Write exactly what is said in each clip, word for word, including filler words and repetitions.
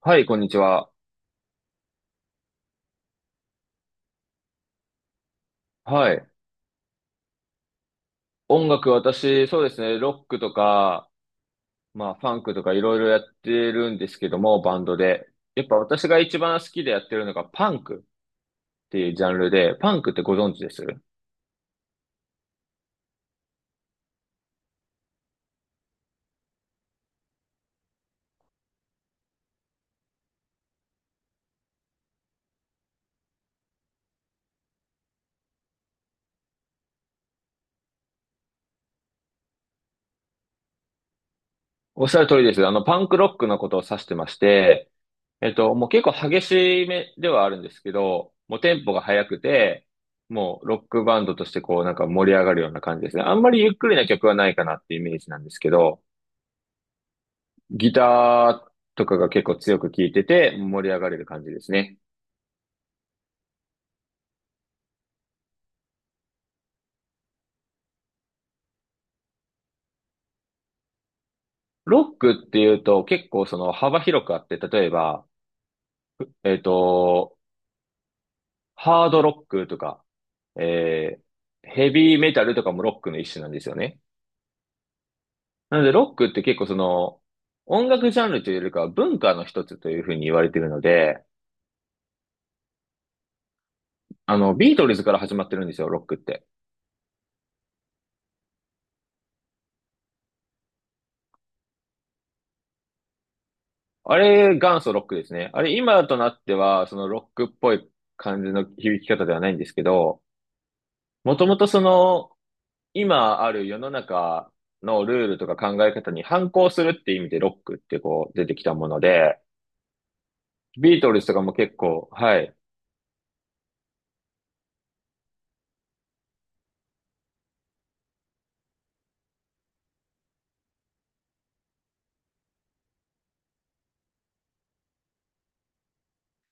はい、こんにちは。はい。音楽、私、そうですね、ロックとか、まあ、ファンクとかいろいろやってるんですけども、バンドで。やっぱ私が一番好きでやってるのがパンクっていうジャンルで、パンクってご存知です？おっしゃる通りです。あの、パンクロックのことを指してまして、えっと、もう結構激しめではあるんですけど、もうテンポが速くて、もうロックバンドとしてこうなんか盛り上がるような感じですね。あんまりゆっくりな曲はないかなっていうイメージなんですけど、ギターとかが結構強く聴いてて盛り上がれる感じですね。ロックっていうと結構その幅広くあって、例えば、えっと、ハードロックとか、えー、ヘビーメタルとかもロックの一種なんですよね。なのでロックって結構その音楽ジャンルというよりかは文化の一つというふうに言われているので、あの、ビートルズから始まってるんですよ、ロックって。あれ、元祖ロックですね。あれ、今となっては、そのロックっぽい感じの響き方ではないんですけど、もともとその、今ある世の中のルールとか考え方に反抗するって意味でロックってこう出てきたもので、ビートルズとかも結構、はい。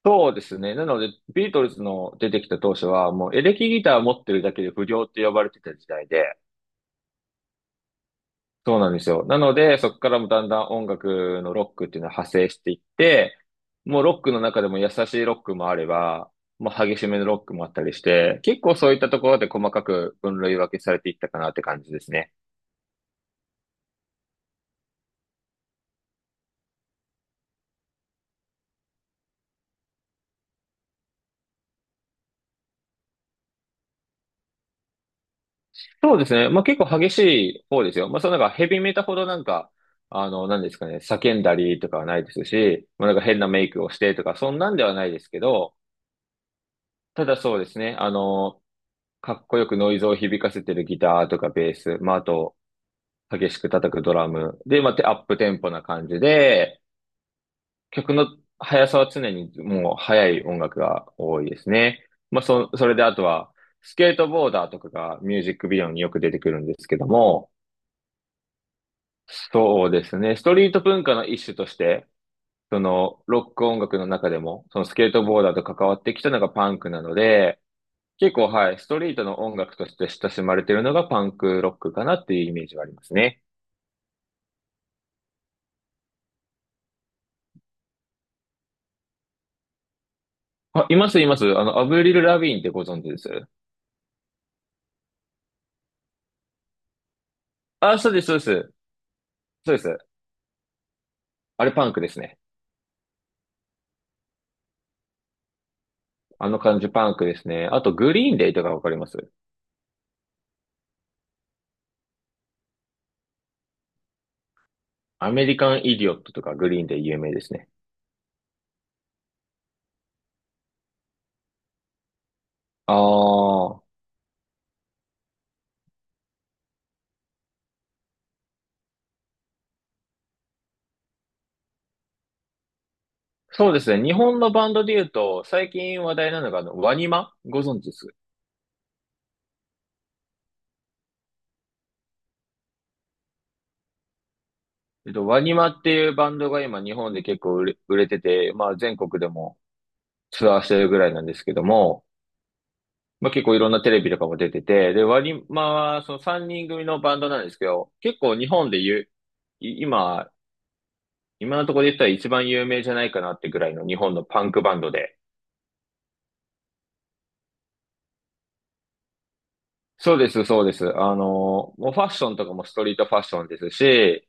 そうですね。なので、ビートルズの出てきた当初は、もうエレキギター持ってるだけで不良って呼ばれてた時代で、そうなんですよ。なので、そこからもだんだん音楽のロックっていうのは派生していって、もうロックの中でも優しいロックもあれば、もう激しめのロックもあったりして、結構そういったところで細かく分類分けされていったかなって感じですね。そうですね。まあ結構激しい方ですよ。まあそのなんかヘビメタほどなんか、あの、なんですかね、叫んだりとかはないですし、まあなんか変なメイクをしてとか、そんなんではないですけど、ただそうですね、あの、かっこよくノイズを響かせてるギターとかベース、まああと、激しく叩くドラム。で、まあ、アップテンポな感じで、曲の速さは常にもう速い音楽が多いですね。まあ、そ、それであとは、スケートボーダーとかがミュージックビデオによく出てくるんですけども、そうですね。ストリート文化の一種として、そのロック音楽の中でも、そのスケートボーダーと関わってきたのがパンクなので、結構はい、ストリートの音楽として親しまれているのがパンクロックかなっていうイメージはありますね。あ、います、います。あの、アブリル・ラビーンってご存知です？あ、そうです、そうです。そうです。あれパンクですね。あの感じパンクですね。あと、グリーンデイとかわかります？アメリカン・イディオットとかグリーンデイ有名ですね。ああ、そうですね。日本のバンドで言うと、最近話題なのが、あの、ワニマご存知です？えっと、ワニマっていうバンドが今日本で結構売れ、売れてて、まあ全国でもツアーしてるぐらいなんですけども、まあ、結構いろんなテレビとかも出てて、で、ワニマはそのさんにん組のバンドなんですけど、結構日本で言う、い今、今のところで言ったら一番有名じゃないかなってぐらいの日本のパンクバンドで。そうです、そうです。あの、もうファッションとかもストリートファッションですし、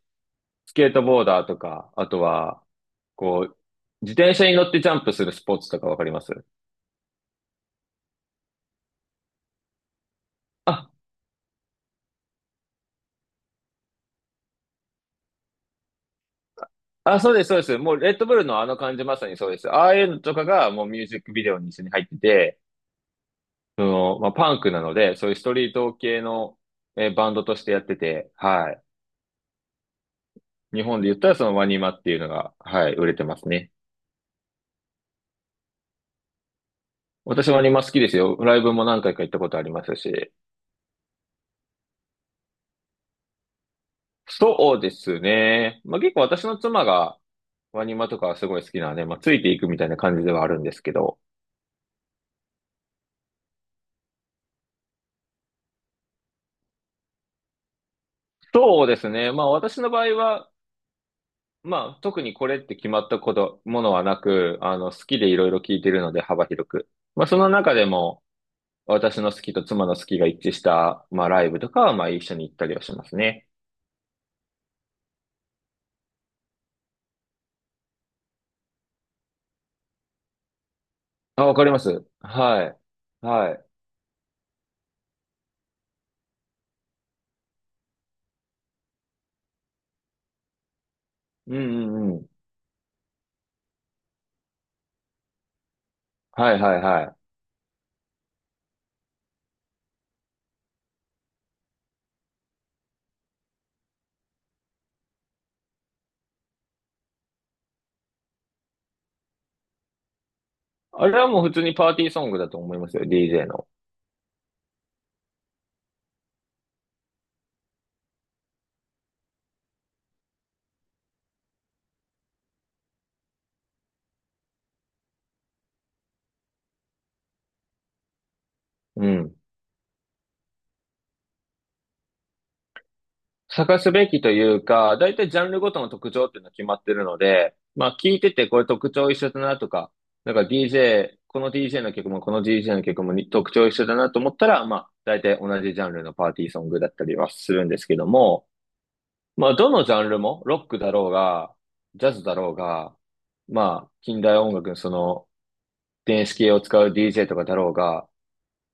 スケートボーダーとか、あとは、こう、自転車に乗ってジャンプするスポーツとかわかります？あ、あ、そうです、そうです。もう、レッドブルのあの感じまさにそうです。ああいうのとかが、もうミュージックビデオに一緒に入ってて、その、まあ、パンクなので、そういうストリート系の、えーバンドとしてやってて、はい。日本で言ったらそのワニマっていうのが、はい、売れてますね。私ワニマ好きですよ。ライブも何回か行ったことありますし。そうですね。まあ、結構私の妻がワニマとかはすごい好きなので、まあ、ついていくみたいな感じではあるんですけど。そうですね。まあ私の場合は、まあ特にこれって決まったこと、ものはなく、あの好きでいろいろ聞いてるので幅広く。まあその中でも、私の好きと妻の好きが一致した、まあ、ライブとかは、まあ、一緒に行ったりはしますね。あ、わかります。はい。はい。うんうんうん。はいはいはい。あれはもう普通にパーティーソングだと思いますよ、ディージェー の。うん。探すべきというか、だいたいジャンルごとの特徴っていうのは決まってるので、まあ聞いててこれ特徴一緒だなとか、なんか ディージェー、この ディージェー の曲もこの ディージェー の曲もに特徴一緒だなと思ったら、まあ大体同じジャンルのパーティーソングだったりはするんですけども、まあ、どのジャンルも、ロックだろうが、ジャズだろうが、まあ、近代音楽のその、電子系を使う ディージェー とかだろうが、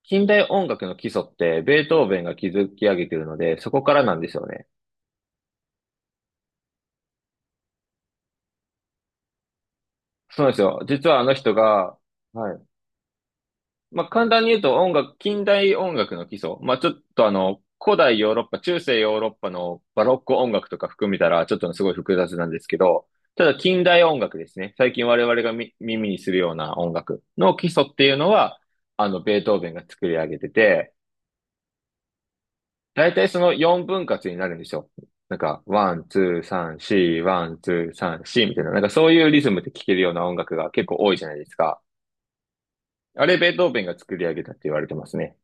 近代音楽の基礎って、ベートーベンが築き上げてるので、そこからなんですよね。そうなんですよ。実はあの人が、はい、まあ、簡単に言うと音楽、近代音楽の基礎。まあ、ちょっとあの、古代ヨーロッパ、中世ヨーロッパのバロック音楽とか含めたら、ちょっとすごい複雑なんですけど、ただ近代音楽ですね。最近我々がみ耳にするような音楽の基礎っていうのは、あの、ベートーベンが作り上げてて、だいたいそのよん割になるんですよ。なんか、ワン、ツー、サン、シー、ワン、ツー、サン、シーみたいな、なんかそういうリズムで聴けるような音楽が結構多いじゃないですか。あれ、ベートーベンが作り上げたって言われてますね。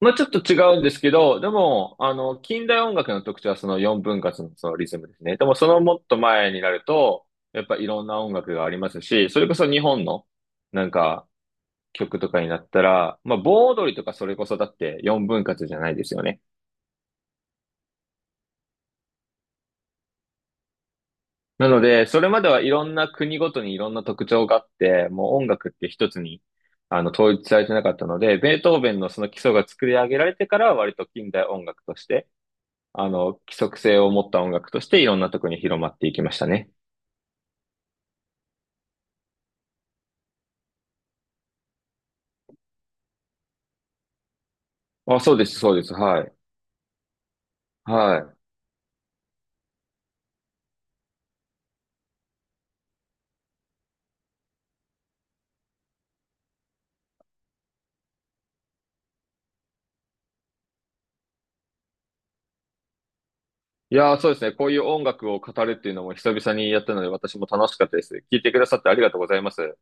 まあちょっと違うんですけど、でも、あの、近代音楽の特徴はそのよん割のそのリズムですね。でもそのもっと前になると、やっぱいろんな音楽がありますし、それこそ日本のなんか曲とかになったら、まあ盆踊りとかそれこそだってよん割じゃないですよね。なので、それまではいろんな国ごとにいろんな特徴があって、もう音楽って一つにあの統一されてなかったので、ベートーベンのその基礎が作り上げられてからは割と近代音楽として、あの、規則性を持った音楽としていろんなとこに広まっていきましたね。あ、そうです、そうです。はい。はい。いやー、そうですね。こういう音楽を語るっていうのも久々にやったので、私も楽しかったです。聞いてくださってありがとうございます。